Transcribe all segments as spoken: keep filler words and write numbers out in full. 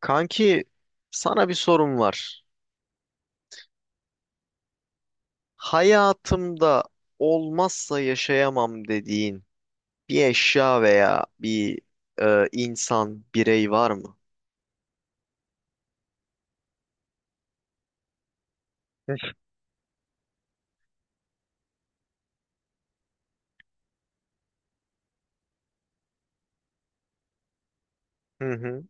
Kanki sana bir sorum var. Hayatımda olmazsa yaşayamam dediğin bir eşya veya bir e, insan, birey var mı? Hı hı.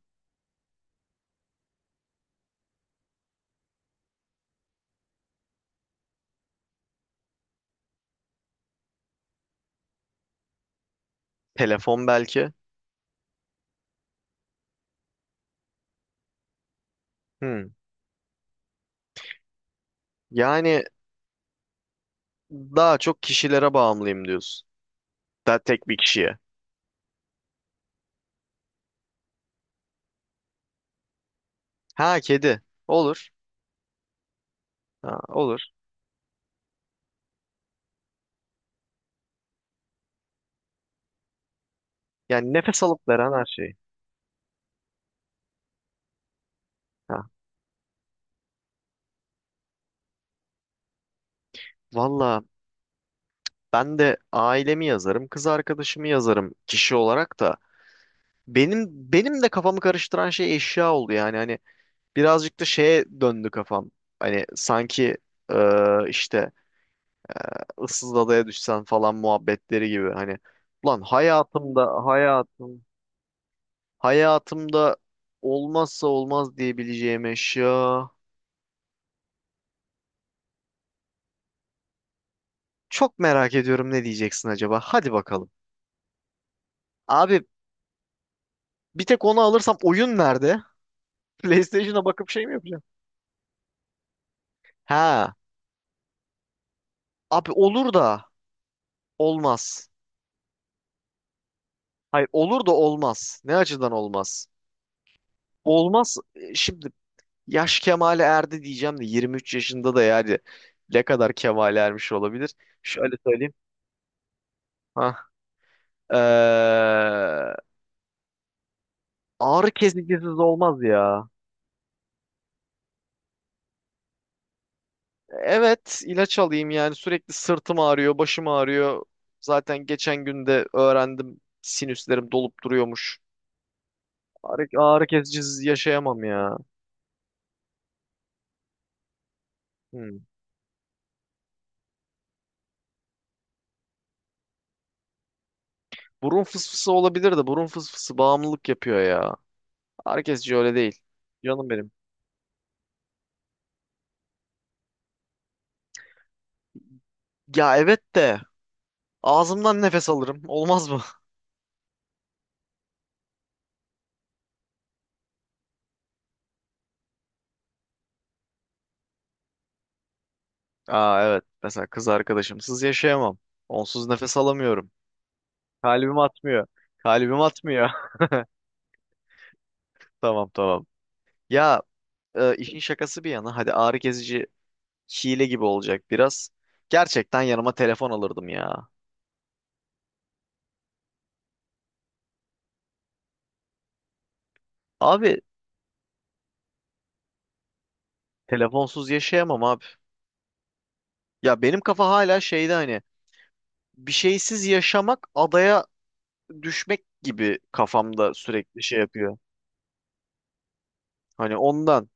Telefon belki. Hı. Yani daha çok kişilere bağımlıyım diyorsun. Daha tek bir kişiye. Ha kedi. Olur. Ha, olur. Yani nefes alıp veren her şey. Ha. Valla ben de ailemi yazarım, kız arkadaşımı yazarım kişi olarak da. Benim benim de kafamı karıştıran şey eşya oldu yani hani birazcık da şeye döndü kafam. Hani sanki e, işte ıssız adaya düşsen falan muhabbetleri gibi hani ulan hayatımda hayatım hayatımda olmazsa olmaz diyebileceğim eşya. Çok merak ediyorum ne diyeceksin acaba? Hadi bakalım. Abi bir tek onu alırsam oyun nerede? PlayStation'a bakıp şey mi yapacağım? Ha. Abi olur da olmaz. Hayır olur da olmaz. Ne açıdan olmaz? Olmaz. E, şimdi yaş kemale erdi diyeceğim de yirmi üç yaşında da yani ne kadar kemale ermiş olabilir? Şöyle söyleyeyim. Ha. Ağrı kesicisiz olmaz ya. Evet ilaç alayım yani sürekli sırtım ağrıyor, başım ağrıyor. Zaten geçen gün de öğrendim sinüslerim dolup duruyormuş. Ağrı, ağrı kesicisiz yaşayamam ya. Hmm. Burun fısfısı olabilir de burun fısfısı bağımlılık yapıyor ya. Herkesci öyle değil. Canım benim. Ya evet de ağzımdan nefes alırım. Olmaz mı? Aa, evet. Mesela kız arkadaşımsız yaşayamam. Onsuz nefes alamıyorum. Kalbim atmıyor. Kalbim atmıyor. Tamam tamam. Ya e, işin şakası bir yana hadi ağrı kesici hile gibi olacak biraz. Gerçekten yanıma telefon alırdım ya. Abi telefonsuz yaşayamam abi. Ya benim kafa hala şeyde hani bir şeysiz yaşamak adaya düşmek gibi kafamda sürekli şey yapıyor. Hani ondan.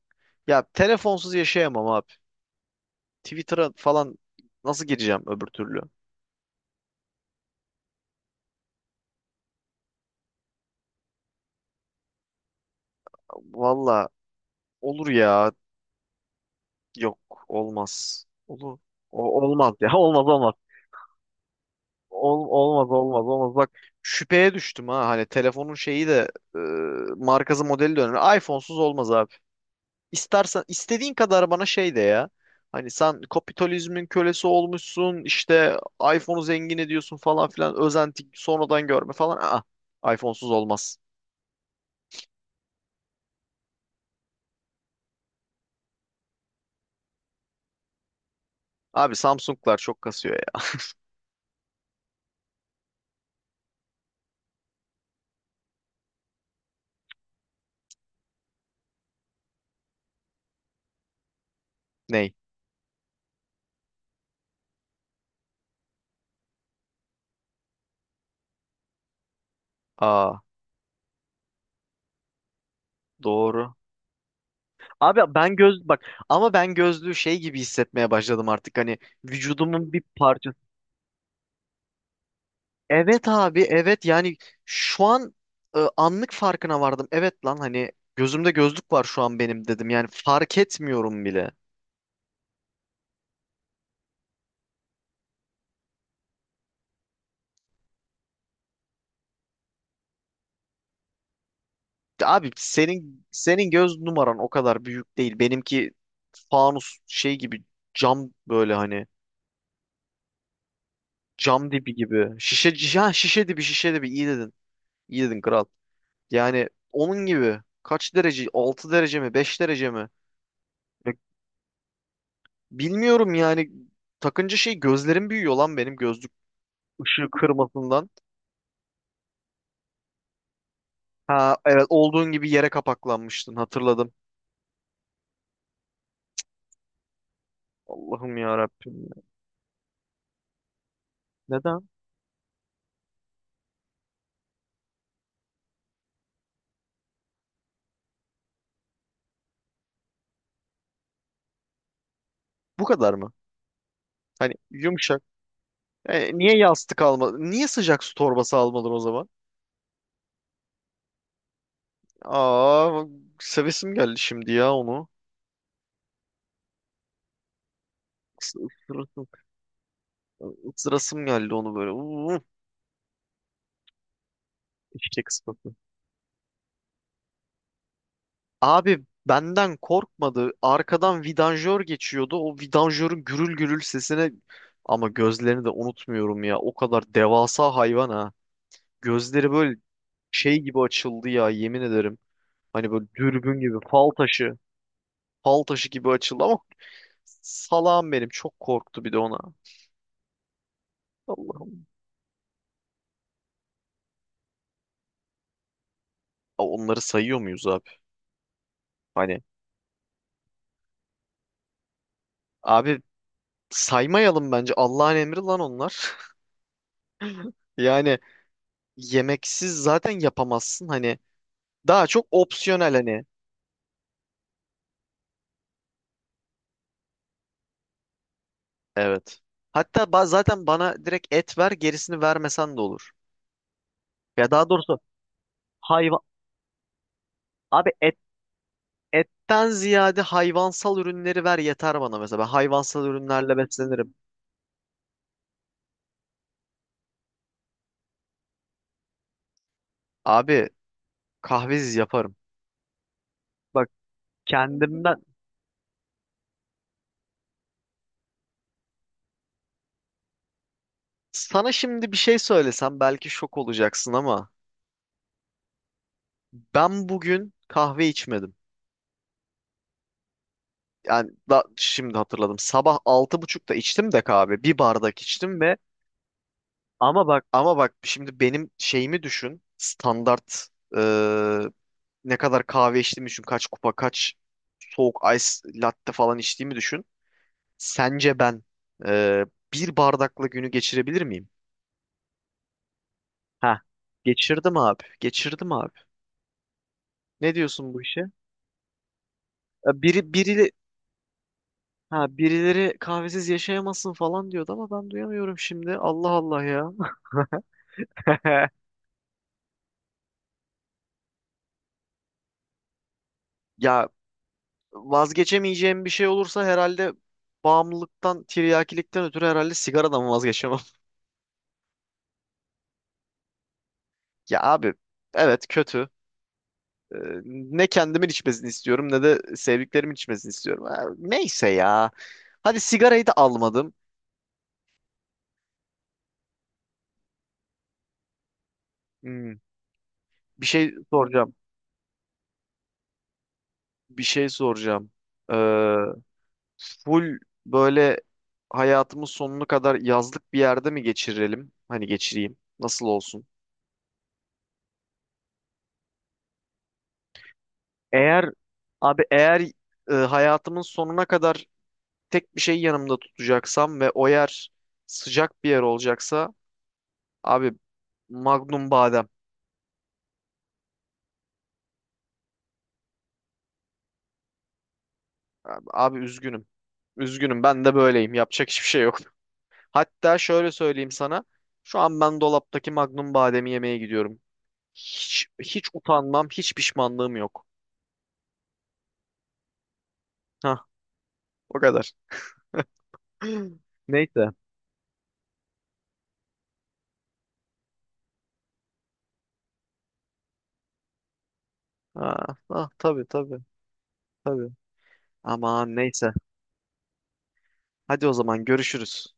Ya telefonsuz yaşayamam abi. Twitter'a falan nasıl gireceğim öbür türlü? Valla olur ya. Yok olmaz. Olur. O- olmaz ya. Olmaz olmaz. Ol- olmaz olmaz olmaz. Bak şüpheye düştüm ha. Hani telefonun şeyi de e, markası modeli de önemli. iPhone'suz olmaz abi. İstersen istediğin kadar bana şey de ya. Hani sen kapitalizmin kölesi olmuşsun. İşte iPhone'u zengin ediyorsun falan filan. Özenti sonradan görme falan. Aa, iPhone'suz olmaz. Abi Samsung'lar çok kasıyor ya. Ney? Aa, doğru. Abi ben göz bak ama ben gözlüğü şey gibi hissetmeye başladım artık hani vücudumun bir parçası. Evet abi evet yani şu an e, anlık farkına vardım. Evet lan hani gözümde gözlük var şu an benim dedim yani fark etmiyorum bile. Abi senin senin göz numaran o kadar büyük değil. Benimki fanus şey gibi cam böyle hani cam dibi gibi şişe ha, şişe dibi şişe dibi iyi dedin. İyi dedin kral. Yani onun gibi kaç derece? Altı derece mi? Beş derece mi? Ya, bilmiyorum yani. Takınca şey gözlerim büyüyor lan benim gözlük ışığı kırmasından. Ha evet olduğun gibi yere kapaklanmıştın hatırladım. Allah'ım ya Rabbim ya. Neden? Bu kadar mı? Hani yumuşak. E, niye yastık almadın? Niye sıcak su torbası almadın o zaman? Aa, sevesim geldi şimdi ya onu. Is- ısırasım, ısırasım geldi onu böyle. Uuu, eşek sıpası. Abi benden korkmadı. Arkadan vidanjör geçiyordu. O vidanjörün gürül gürül sesine ama gözlerini de unutmuyorum ya. O kadar devasa hayvan ha. Gözleri böyle şey gibi açıldı ya yemin ederim. Hani böyle dürbün gibi fal taşı, fal taşı gibi açıldı ama salağım benim çok korktu bir de ona. Allah'ım. Ya, onları sayıyor muyuz abi? Hani abi saymayalım bence. Allah'ın emri lan onlar. Yani yemeksiz zaten yapamazsın. Hani daha çok opsiyonel hani. Evet. Hatta ba- zaten bana direkt et ver gerisini vermesen de olur. Ya daha doğrusu hayvan abi et etten ziyade hayvansal ürünleri ver yeter bana mesela. Ben hayvansal ürünlerle beslenirim. Abi kahvesiz yaparım. Bak kendimden sana şimdi bir şey söylesem belki şok olacaksın ama ben bugün kahve içmedim. Yani da, şimdi hatırladım. Sabah altı buçukta içtim de kahve. Bir bardak içtim ve Ama bak ama bak şimdi benim şeyimi düşün. Standart e, ne kadar kahve içtiğimi düşün. Kaç kupa kaç soğuk ice latte falan içtiğimi düşün. Sence ben e, bir bardakla günü geçirebilir miyim? Ha, geçirdim abi. Geçirdim abi. Ne diyorsun bu işe? E, Biri biri ha birileri kahvesiz yaşayamazsın falan diyordu ama ben duyamıyorum şimdi. Allah Allah ya. Ya, vazgeçemeyeceğim bir şey olursa herhalde bağımlılıktan, tiryakilikten ötürü herhalde sigaradan vazgeçemem. Ya abi evet kötü. Ee, ne kendimin içmesini istiyorum ne de sevdiklerimin içmesini istiyorum. Ha, neyse ya. Hadi sigarayı da almadım. Hmm, bir şey soracağım. Bir şey soracağım. Ee, full böyle hayatımın sonuna kadar yazlık bir yerde mi geçirelim? Hani geçireyim. Nasıl olsun? Eğer abi eğer e, hayatımın sonuna kadar tek bir şey yanımda tutacaksam ve o yer sıcak bir yer olacaksa abi Magnum badem. Abi, abi üzgünüm. Üzgünüm ben de böyleyim. Yapacak hiçbir şey yok. Hatta şöyle söyleyeyim sana. Şu an ben dolaptaki Magnum bademi yemeye gidiyorum. Hiç, hiç utanmam, hiç pişmanlığım yok. Hah, o kadar. Neyse. Ha, ah, tabii tabii tabii. Aman neyse. Hadi o zaman görüşürüz.